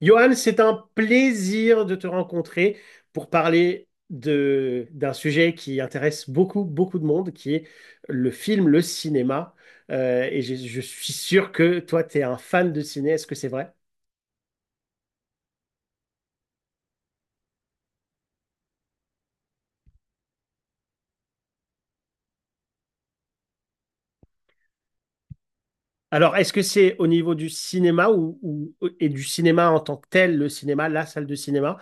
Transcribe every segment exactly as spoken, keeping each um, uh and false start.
Johan, c'est un plaisir de te rencontrer pour parler de, d'un sujet qui intéresse beaucoup, beaucoup de monde, qui est le film, le cinéma. Euh, et je, je suis sûr que toi, tu es un fan de ciné, est-ce que c'est vrai? Alors, est-ce que c'est au niveau du cinéma ou, ou- et du cinéma en tant que tel, le cinéma, la salle de cinéma,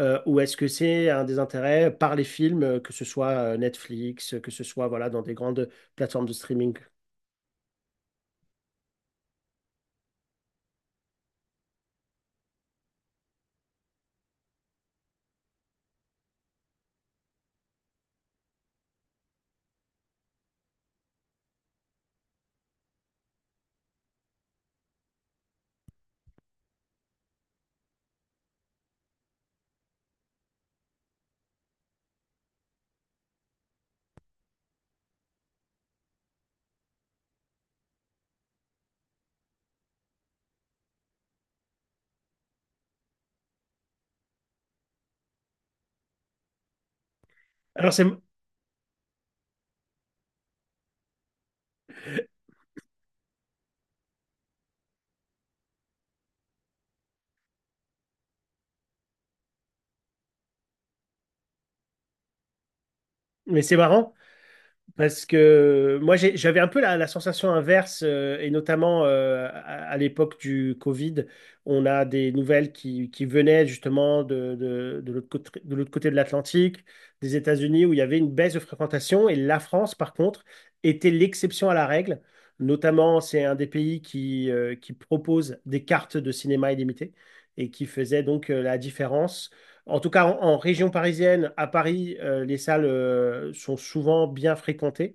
euh, ou est-ce que c'est un des intérêts par les films, euh, que ce soit euh, Netflix, que ce soit voilà, dans des grandes plateformes de streaming? Alors, c'est, mais c'est marrant. Parce que moi, j'ai- j'avais un peu la, la sensation inverse, euh, et notamment euh, à, à l'époque du Covid, on a des nouvelles qui, qui venaient justement de, de, de l'autre côté, de l'autre côté de l'Atlantique, des États-Unis, où il y avait une baisse de fréquentation, et la France, par contre, était l'exception à la règle. Notamment, c'est un des pays qui, euh, qui propose des cartes de cinéma illimitées et qui faisait donc euh, la différence en tout cas, en, en région parisienne, à Paris, euh, les salles euh, sont souvent bien fréquentées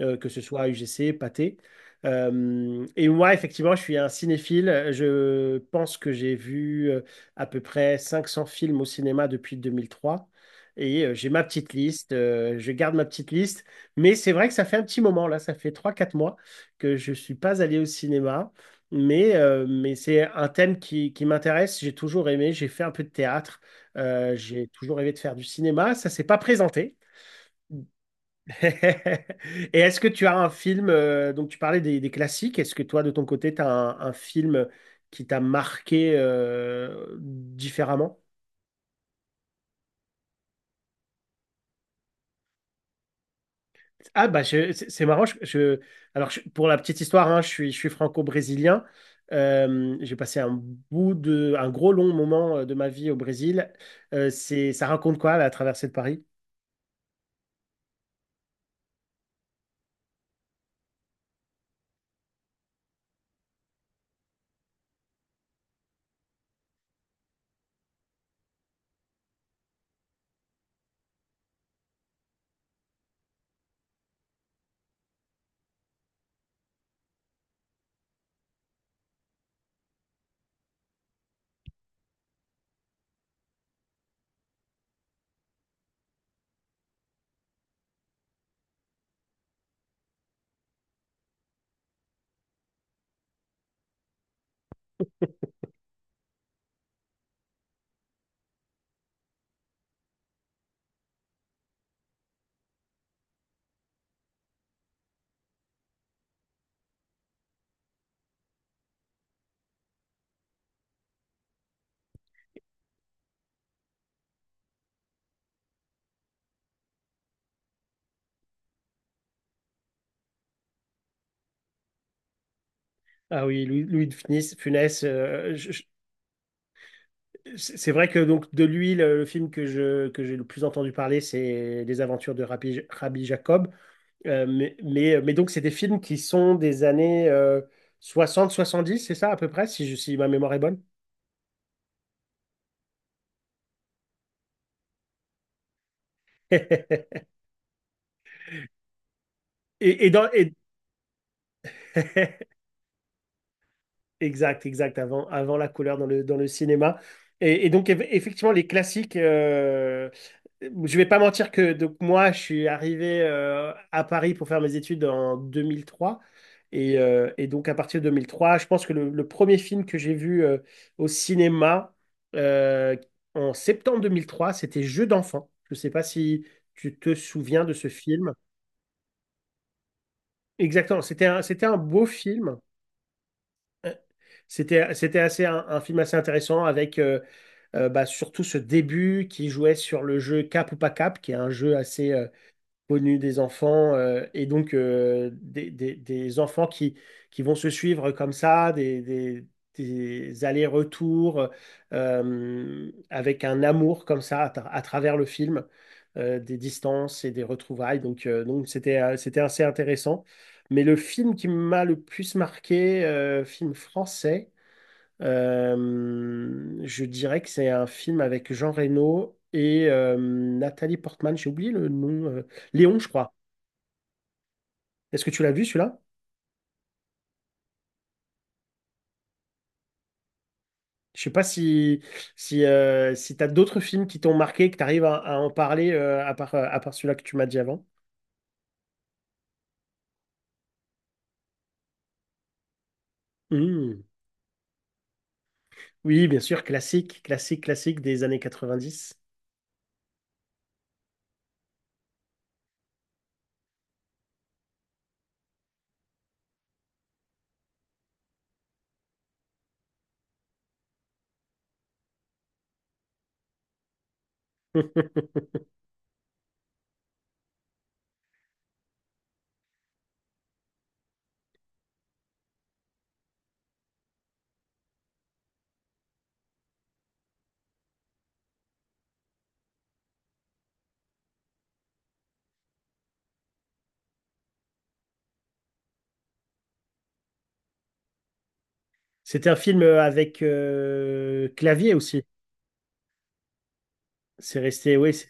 euh, que ce soit U G C, Pathé. Euh, et moi, effectivement, je suis un cinéphile. Je pense que j'ai vu euh, à peu près cinq cents films au cinéma depuis deux mille trois, Et euh, j'ai ma petite liste, euh, je garde ma petite liste. Mais c'est vrai que ça fait un petit moment, là, ça fait trois, quatre mois que je ne suis pas allé au cinéma. Mais, euh, mais c'est un thème qui, qui m'intéresse. J'ai toujours aimé, j'ai fait un peu de théâtre, euh, j'ai toujours rêvé de faire du cinéma. Ça ne s'est pas présenté. Et est-ce que tu as un film, euh, donc tu parlais des, des classiques, est-ce que toi de ton côté, tu as un, un film qui t'a marqué euh, différemment? Ah bah je- c'est c'est marrant, je, je- alors je- pour la petite histoire, hein, je suis, je suis franco-brésilien. Euh, j'ai passé un bout de, un gros long moment euh, de ma vie au Brésil. Euh, c'est, ça raconte quoi la traversée de Paris? Ah oui, Louis, Louis de Funès, Funès, euh, je, C'est c'est vrai que donc de lui, le, le film que je, que j'ai le plus entendu parler, c'est Les Aventures de Rabbi, Rabbi Jacob. Euh, mais, mais, euh, mais donc, c'est des films qui sont des années euh, soixante soixante-dix c'est ça à peu près, si, je- si ma mémoire est bonne. Et, et dans, et- Exact, exact, avant, avant la couleur dans le, dans le cinéma. Et, et donc, eff- effectivement, les classiques, euh, je vais pas mentir que donc, moi, je suis arrivé euh, à Paris pour faire mes études en deux mille trois. Et, euh, et donc, à partir de deux mille trois, je pense que le, le premier film que j'ai vu euh, au cinéma euh, en septembre deux mille trois, c'était Jeux d'enfant. Je sais pas si tu te souviens de ce film. Exactement, c'était un, c'était un beau film. C'était, c'était assez un, un film assez intéressant avec euh, euh, bah, surtout ce début qui jouait sur le jeu Cap ou pas Cap, qui est un jeu assez euh, connu des enfants, euh, et donc euh, des, des- des enfants qui, qui vont se suivre comme ça, des, des- des allers-retours euh, avec un amour comme ça à, tra- à travers le film, euh, des distances et des retrouvailles. Donc, euh, donc c'était, euh, c'était assez intéressant. Mais le film qui m'a le plus marqué, euh, film français, euh, je dirais que c'est un film avec Jean Reno et euh, Nathalie Portman. J'ai oublié le nom. euh, Léon, je crois. Est-ce que tu l'as vu celui-là? Je sais pas si, si, euh, si tu as d'autres films qui t'ont marqué, que tu arrives à, à en parler euh, à part, euh, à part celui-là que tu m'as dit avant. Hmm. Oui, bien sûr, classique, classique, classique des années quatre-vingt-dix. C'était un film avec euh, clavier aussi. C'est resté, oui, c'est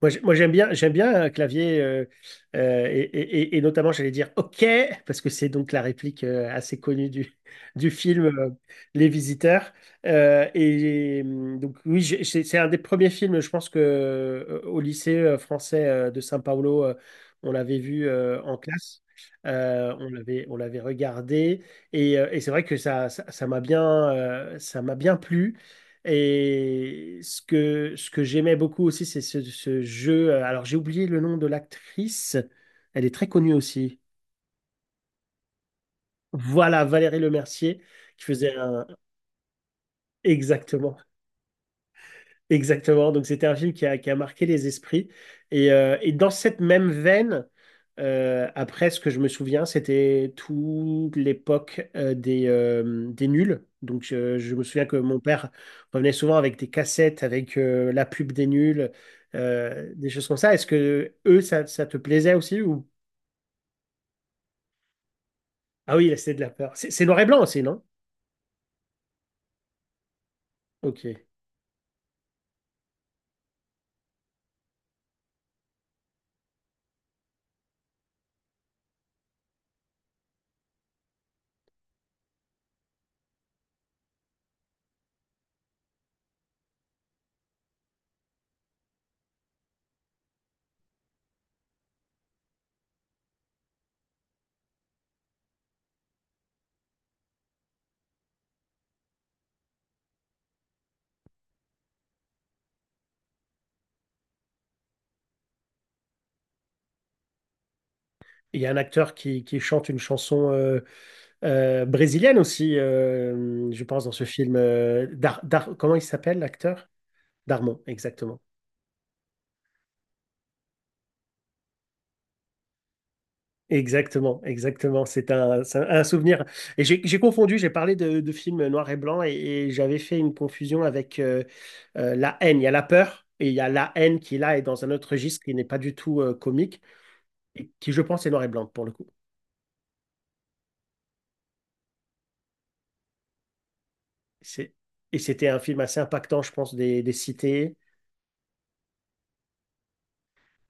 moi, j'ai- moi, j'aime bien, j'aime bien un clavier, euh, euh, et, et- et- et notamment, j'allais dire OK, parce que c'est donc la réplique euh, assez connue du, du film euh, Les Visiteurs. Euh, et hum, donc, oui, j'ai- c'est c'est un des premiers films, je pense que euh, au lycée euh, français euh, de São Paulo, euh, on l'avait vu euh, en classe. Euh, on l'avait, on l'avait regardé. Et, euh, et c'est vrai que ça, ça, ça m'a bien, euh, ça m'a bien plu. Et ce que, ce que j'aimais beaucoup aussi, c'est ce, ce jeu. euh, Alors, j'ai oublié le nom de l'actrice. Elle est très connue aussi. Voilà, Valérie Lemercier, qui faisait un... Exactement. Exactement. Donc, c'était un film qui a, qui a marqué les esprits. Et, euh, et dans cette même veine, euh, après, ce que je me souviens, c'était toute l'époque euh, des, euh, des nuls. Donc, euh, je me souviens que mon père revenait souvent avec des cassettes, avec euh, la pub des nuls, euh, des choses comme ça. Est-ce que eux, ça, ça te plaisait aussi ou... Ah oui, là, c'était de la peur. C'est c'est noir et blanc aussi, non? Ok. Il y a un acteur qui, qui chante une chanson. euh, euh, brésilienne aussi, euh, je pense, dans ce film. euh, Dar- Dar- comment il s'appelle, l'acteur? Darmon, exactement. Exactement, exactement. C'est un, c'est un souvenir. Et j'ai j'ai confondu, j'ai parlé de, de films noir et blanc et, et j'avais fait une confusion avec euh, euh, La haine. Il y a la peur et il y a la haine qui là est dans un autre registre qui n'est pas du tout euh, comique et qui, je pense, est noir et blanc pour le coup. C'est- Et c'était un film assez impactant, je pense, des, des cités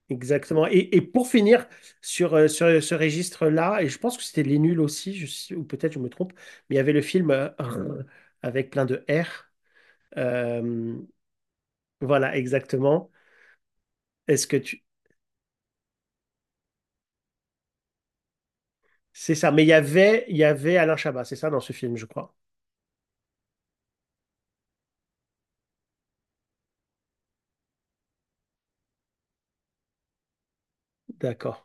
exactement. Et, et pour finir sur, euh, sur euh, ce registre-là, et je pense que c'était Les Nuls aussi, je sais- ou peut-être je me trompe, mais il y avait le film euh, Rrr avec plein de R. Euh, voilà, exactement. Est-ce que tu... C'est ça. Mais il y avait, il y avait Alain Chabat, c'est ça, dans ce film, je crois. D'accord.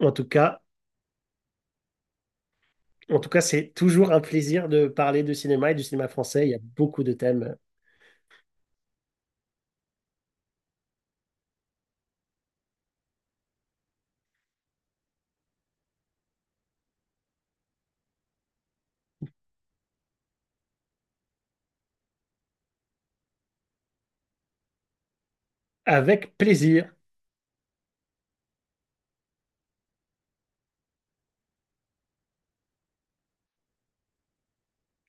En tout cas, en tout cas, c'est toujours un plaisir de parler de cinéma et du cinéma français. Il y a beaucoup de thèmes. Avec plaisir.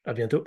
À bientôt.